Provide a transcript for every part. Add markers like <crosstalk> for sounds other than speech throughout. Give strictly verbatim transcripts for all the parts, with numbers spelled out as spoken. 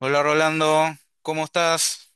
Hola Rolando, ¿cómo estás?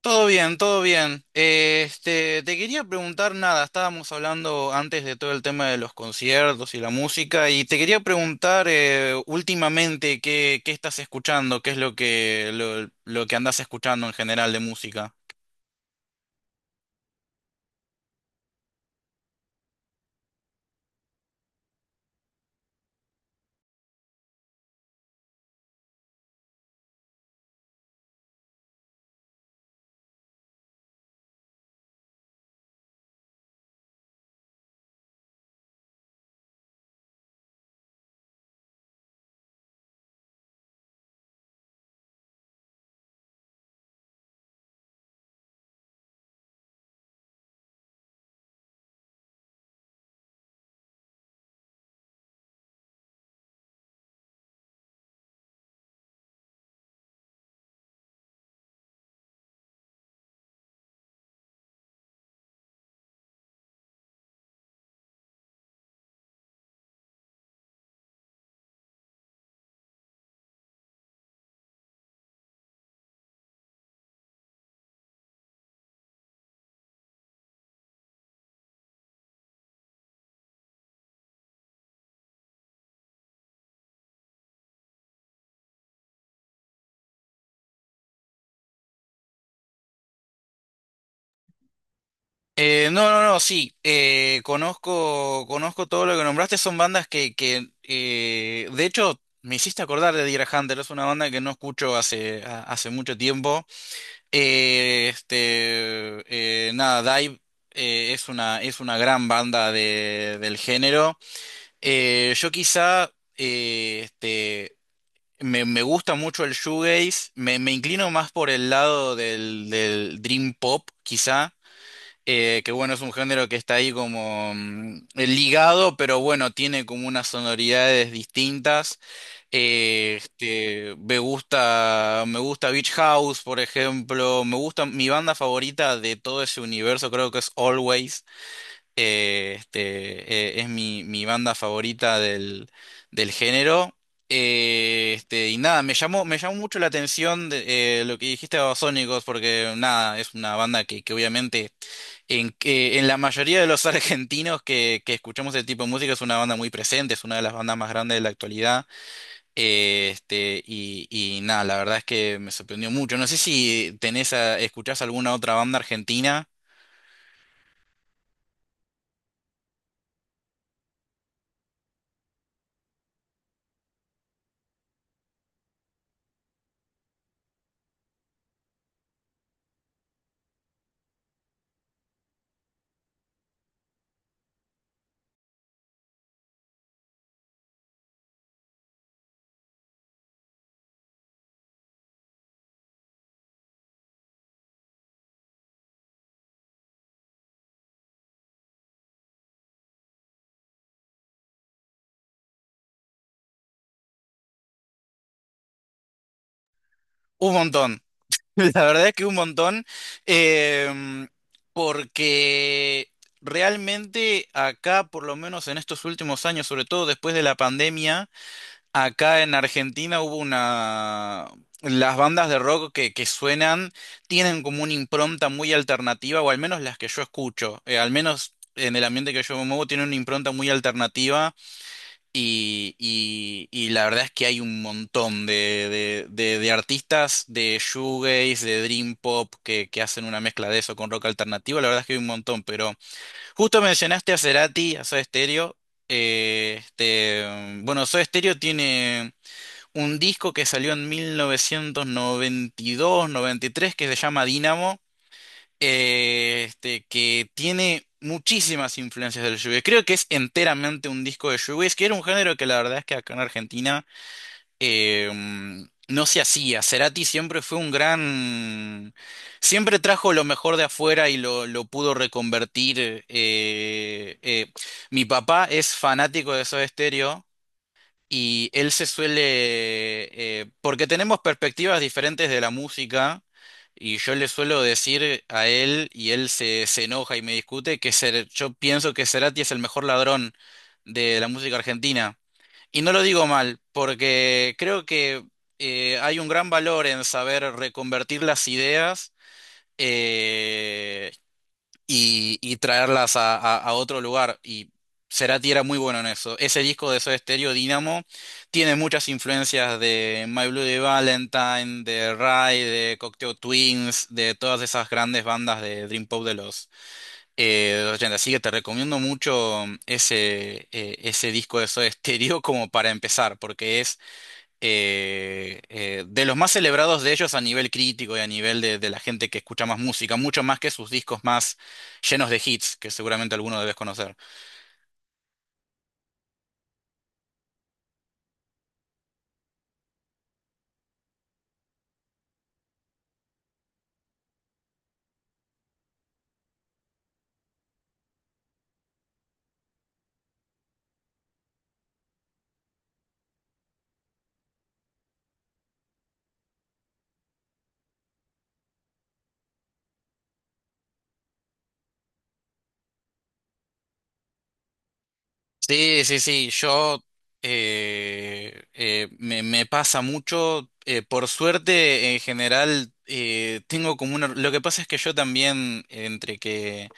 Todo bien, todo bien. Eh, Este, te quería preguntar nada, estábamos hablando antes de todo el tema de los conciertos y la música, y te quería preguntar eh, últimamente qué, qué estás escuchando, qué es lo que, lo, lo que andas escuchando en general de música. Eh, no, no, no, sí, eh, conozco, conozco todo lo que nombraste, son bandas que, que eh, de hecho, me hiciste acordar de Deer Hunter, es una banda que no escucho hace, a- hace mucho tiempo. Eh, este, eh, nada, Dive eh, es una, es una gran banda de- del género. Eh, yo quizá eh, este, me, me gusta mucho el shoegaze, me, me inclino más por el lado del, del dream pop, quizá. Eh, que bueno, es un género que está ahí como mm, ligado, pero bueno, tiene como unas sonoridades distintas. Eh, Este, me gusta, me gusta Beach House, por ejemplo. Me gusta, mi banda favorita de todo ese universo creo que es Always. Eh, este, eh, es mi, mi banda favorita del, del género. Eh, este, y nada, me llamó, me llamó mucho la atención de, eh, lo que dijiste de Babasónicos, porque nada, es una banda que, que obviamente en, que en la mayoría de los <laughs> argentinos que, que escuchamos este tipo de música es una banda muy presente, es una de las bandas más grandes de la actualidad. Eh, Este, y, y nada, la verdad es que me sorprendió mucho. No sé si tenés a- escuchás alguna otra banda argentina. Un montón. <laughs> La verdad es que un montón. em, Porque realmente acá, por lo menos en estos últimos años, sobre todo después de la pandemia. Acá en Argentina hubo una... Las bandas de rock que, que suenan tienen como una impronta muy alternativa, o al menos las que yo escucho, eh, al menos en el ambiente que yo me muevo, tienen una impronta muy alternativa y, y- y la verdad es que hay un montón de, de- de- de artistas de shoegaze, de dream pop, que, que hacen una mezcla de eso con rock alternativo, la verdad es que hay un montón, pero justo mencionaste a Cerati, a Soda Stereo, eh, este, bueno, Soda Stereo tiene un disco que salió en mil novecientos noventa y dos, noventa y tres, que se llama Dynamo, eh, este, que tiene muchísimas influencias del shoegaze. Creo que es enteramente un disco de shoegaze, que era un género que la verdad es que acá en Argentina eh, mm, no se hacía. Cerati siempre fue un gran... Siempre trajo lo mejor de afuera y lo, lo pudo reconvertir. eh, eh. Mi papá es fanático de Soda Stereo, y él se suele, eh, porque tenemos perspectivas diferentes de la música, y yo le suelo decir a él, y él se, se enoja y me discute, que Cer- yo pienso que Cerati es el mejor ladrón de la música argentina. Y no lo digo mal, porque creo que eh, hay un gran valor en saber reconvertir las ideas. eh, y, y traerlas a, a- a otro lugar. Y Cerati era muy bueno en eso. Ese disco de Soda Stereo, Dynamo, tiene muchas influencias de My Bloody Valentine, de Rai, de Cocteau Twins, de todas esas grandes bandas de Dream Pop de los, eh, de los ochenta. Así que te recomiendo mucho ese, eh, ese disco de Soda Stereo <laughs> como para empezar, porque es eh, eh, de los más celebrados de ellos a nivel crítico y a nivel de, de la gente que escucha más música, mucho más que sus discos más llenos de hits, que seguramente alguno debes conocer. Sí, sí, sí, yo eh, eh, me, me pasa mucho, eh, por suerte en general eh, tengo como una... Lo que pasa es que yo también, entre que...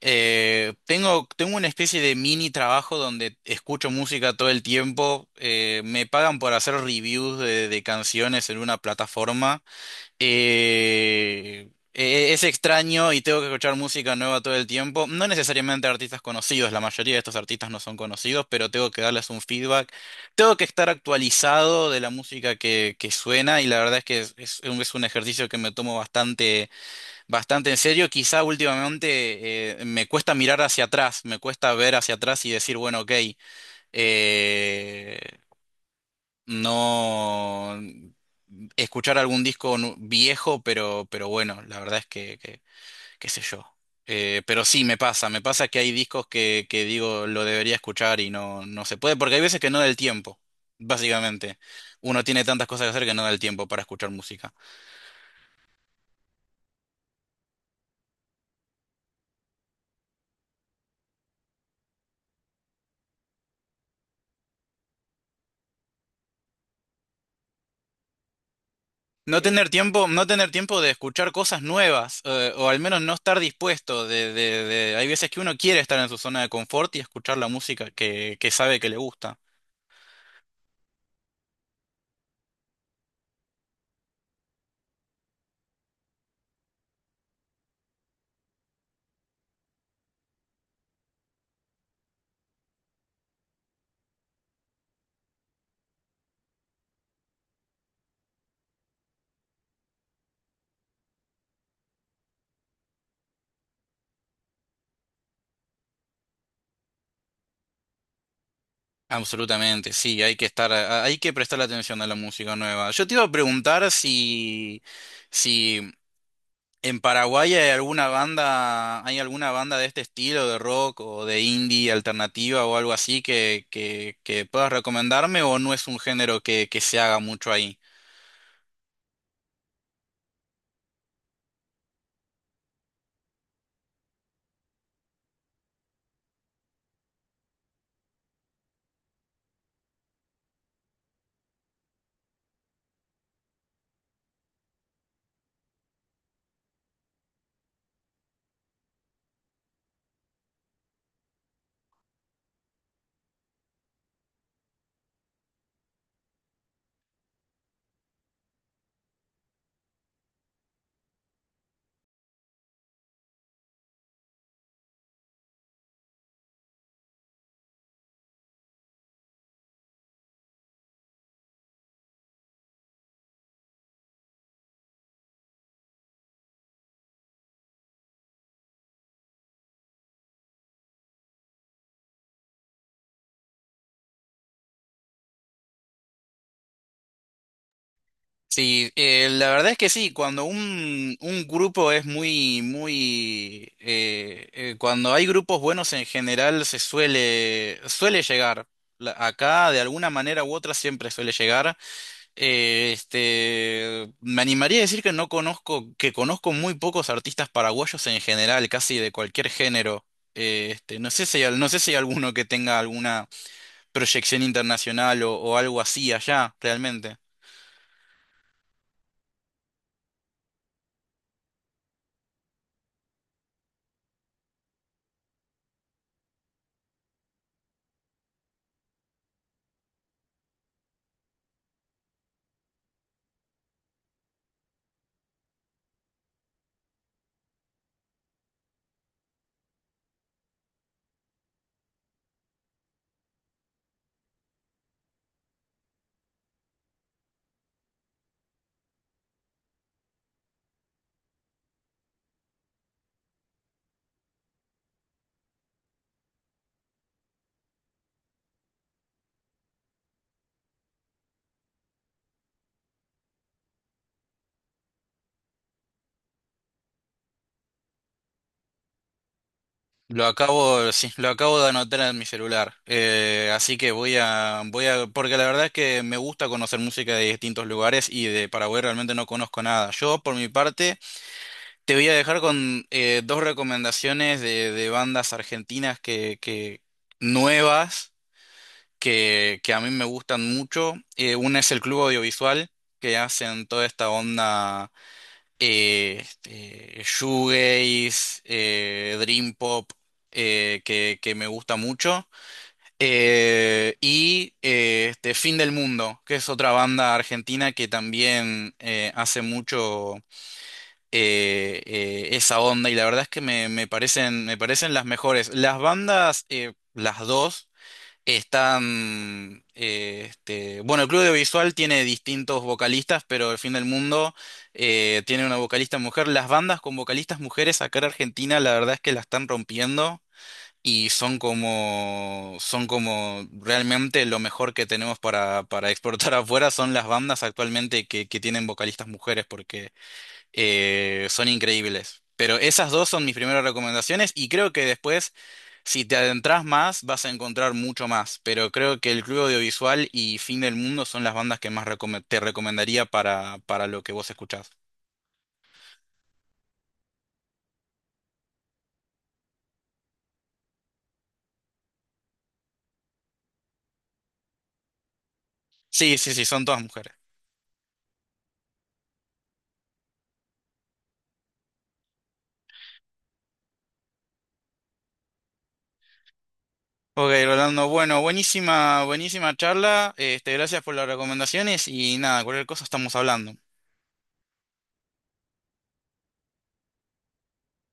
Eh, tengo, tengo una especie de mini trabajo donde escucho música todo el tiempo. Eh, me pagan por hacer reviews de, de canciones en una plataforma. Eh, e- es extraño y tengo que escuchar música nueva todo el tiempo. No necesariamente artistas conocidos, la mayoría de estos artistas no son conocidos, pero tengo que darles un feedback. Tengo que estar actualizado de la música que, que suena y la verdad es que es, es un es un ejercicio que me tomo bastante. Bastante en serio, quizá últimamente eh, me cuesta mirar hacia atrás, me cuesta ver hacia atrás y decir, bueno, ok, eh, no escuchar algún disco nu- viejo, pero, pero bueno, la verdad es que, que- qué sé yo. Eh, pero sí, me pasa, me pasa que hay discos que, que digo, lo debería escuchar y no, no se puede, porque hay veces que no da el tiempo, básicamente. Uno tiene tantas cosas que hacer que no da el tiempo para escuchar música. No tener tiempo, no tener tiempo de escuchar cosas nuevas, eh, o al menos no estar dispuesto de, de- de- hay veces que uno quiere estar en su zona de confort y escuchar la música que, que sabe que le gusta. Absolutamente, sí, hay que estar, a- hay que prestar atención a la música nueva. Yo te iba a preguntar si, si ¿en Paraguay hay alguna banda, hay alguna banda de este estilo de rock o de indie alternativa o algo así que, que, que puedas recomendarme o no es un género que, que se haga mucho ahí? Sí, eh, la verdad es que sí, cuando un, un grupo es muy, muy, eh, eh, cuando hay grupos buenos en general se suele, suele llegar. La- Acá de alguna manera u otra siempre suele llegar. Eh, este, me animaría a decir que no conozco, que conozco muy pocos artistas paraguayos en general, casi de cualquier género. Eh, este, no sé si hay, no sé si hay alguno que tenga alguna proyección internacional o, o algo así allá, realmente. Lo acabo, sí, lo acabo de anotar en mi celular. Eh, así que voy a, voy a, porque la verdad es que me gusta conocer música de distintos lugares y de Paraguay realmente no conozco nada. Yo, por mi parte, te voy a dejar con eh, dos recomendaciones de, de bandas argentinas que, que nuevas que, que a mí me gustan mucho. Eh, una es el Club Audiovisual, que hacen toda esta onda eh, este, shoegaze, eh, dream pop, eh, que, que me gusta mucho. Eh, y eh, este, Fin del Mundo, que es otra banda argentina que también eh, hace mucho eh, eh, esa onda y la verdad es que me, me parecen, me parecen las mejores. Las bandas, eh, las dos, están... eh, este, bueno, el Club de Visual tiene distintos vocalistas, pero El Fin del Mundo eh, tiene una vocalista mujer. Las bandas con vocalistas mujeres acá en Argentina, la verdad es que la están rompiendo. Y son como, son como realmente lo mejor que tenemos para, para exportar <laughs> afuera son las bandas actualmente que, que tienen vocalistas mujeres, eh, son increíbles. Pero esas dos son mis primeras recomendaciones y creo que después, si te adentras más, vas a encontrar mucho más. Pero creo que El Club Audiovisual y Fin del Mundo son las bandas que más recome- te recomendaría para, para lo que vos escuchás. Sí, sí, sí, son todas mujeres. Ok, Rolando, bueno, buenísima, buenísima charla. Este, gracias por las recomendaciones y nada, cualquier cosa estamos hablando.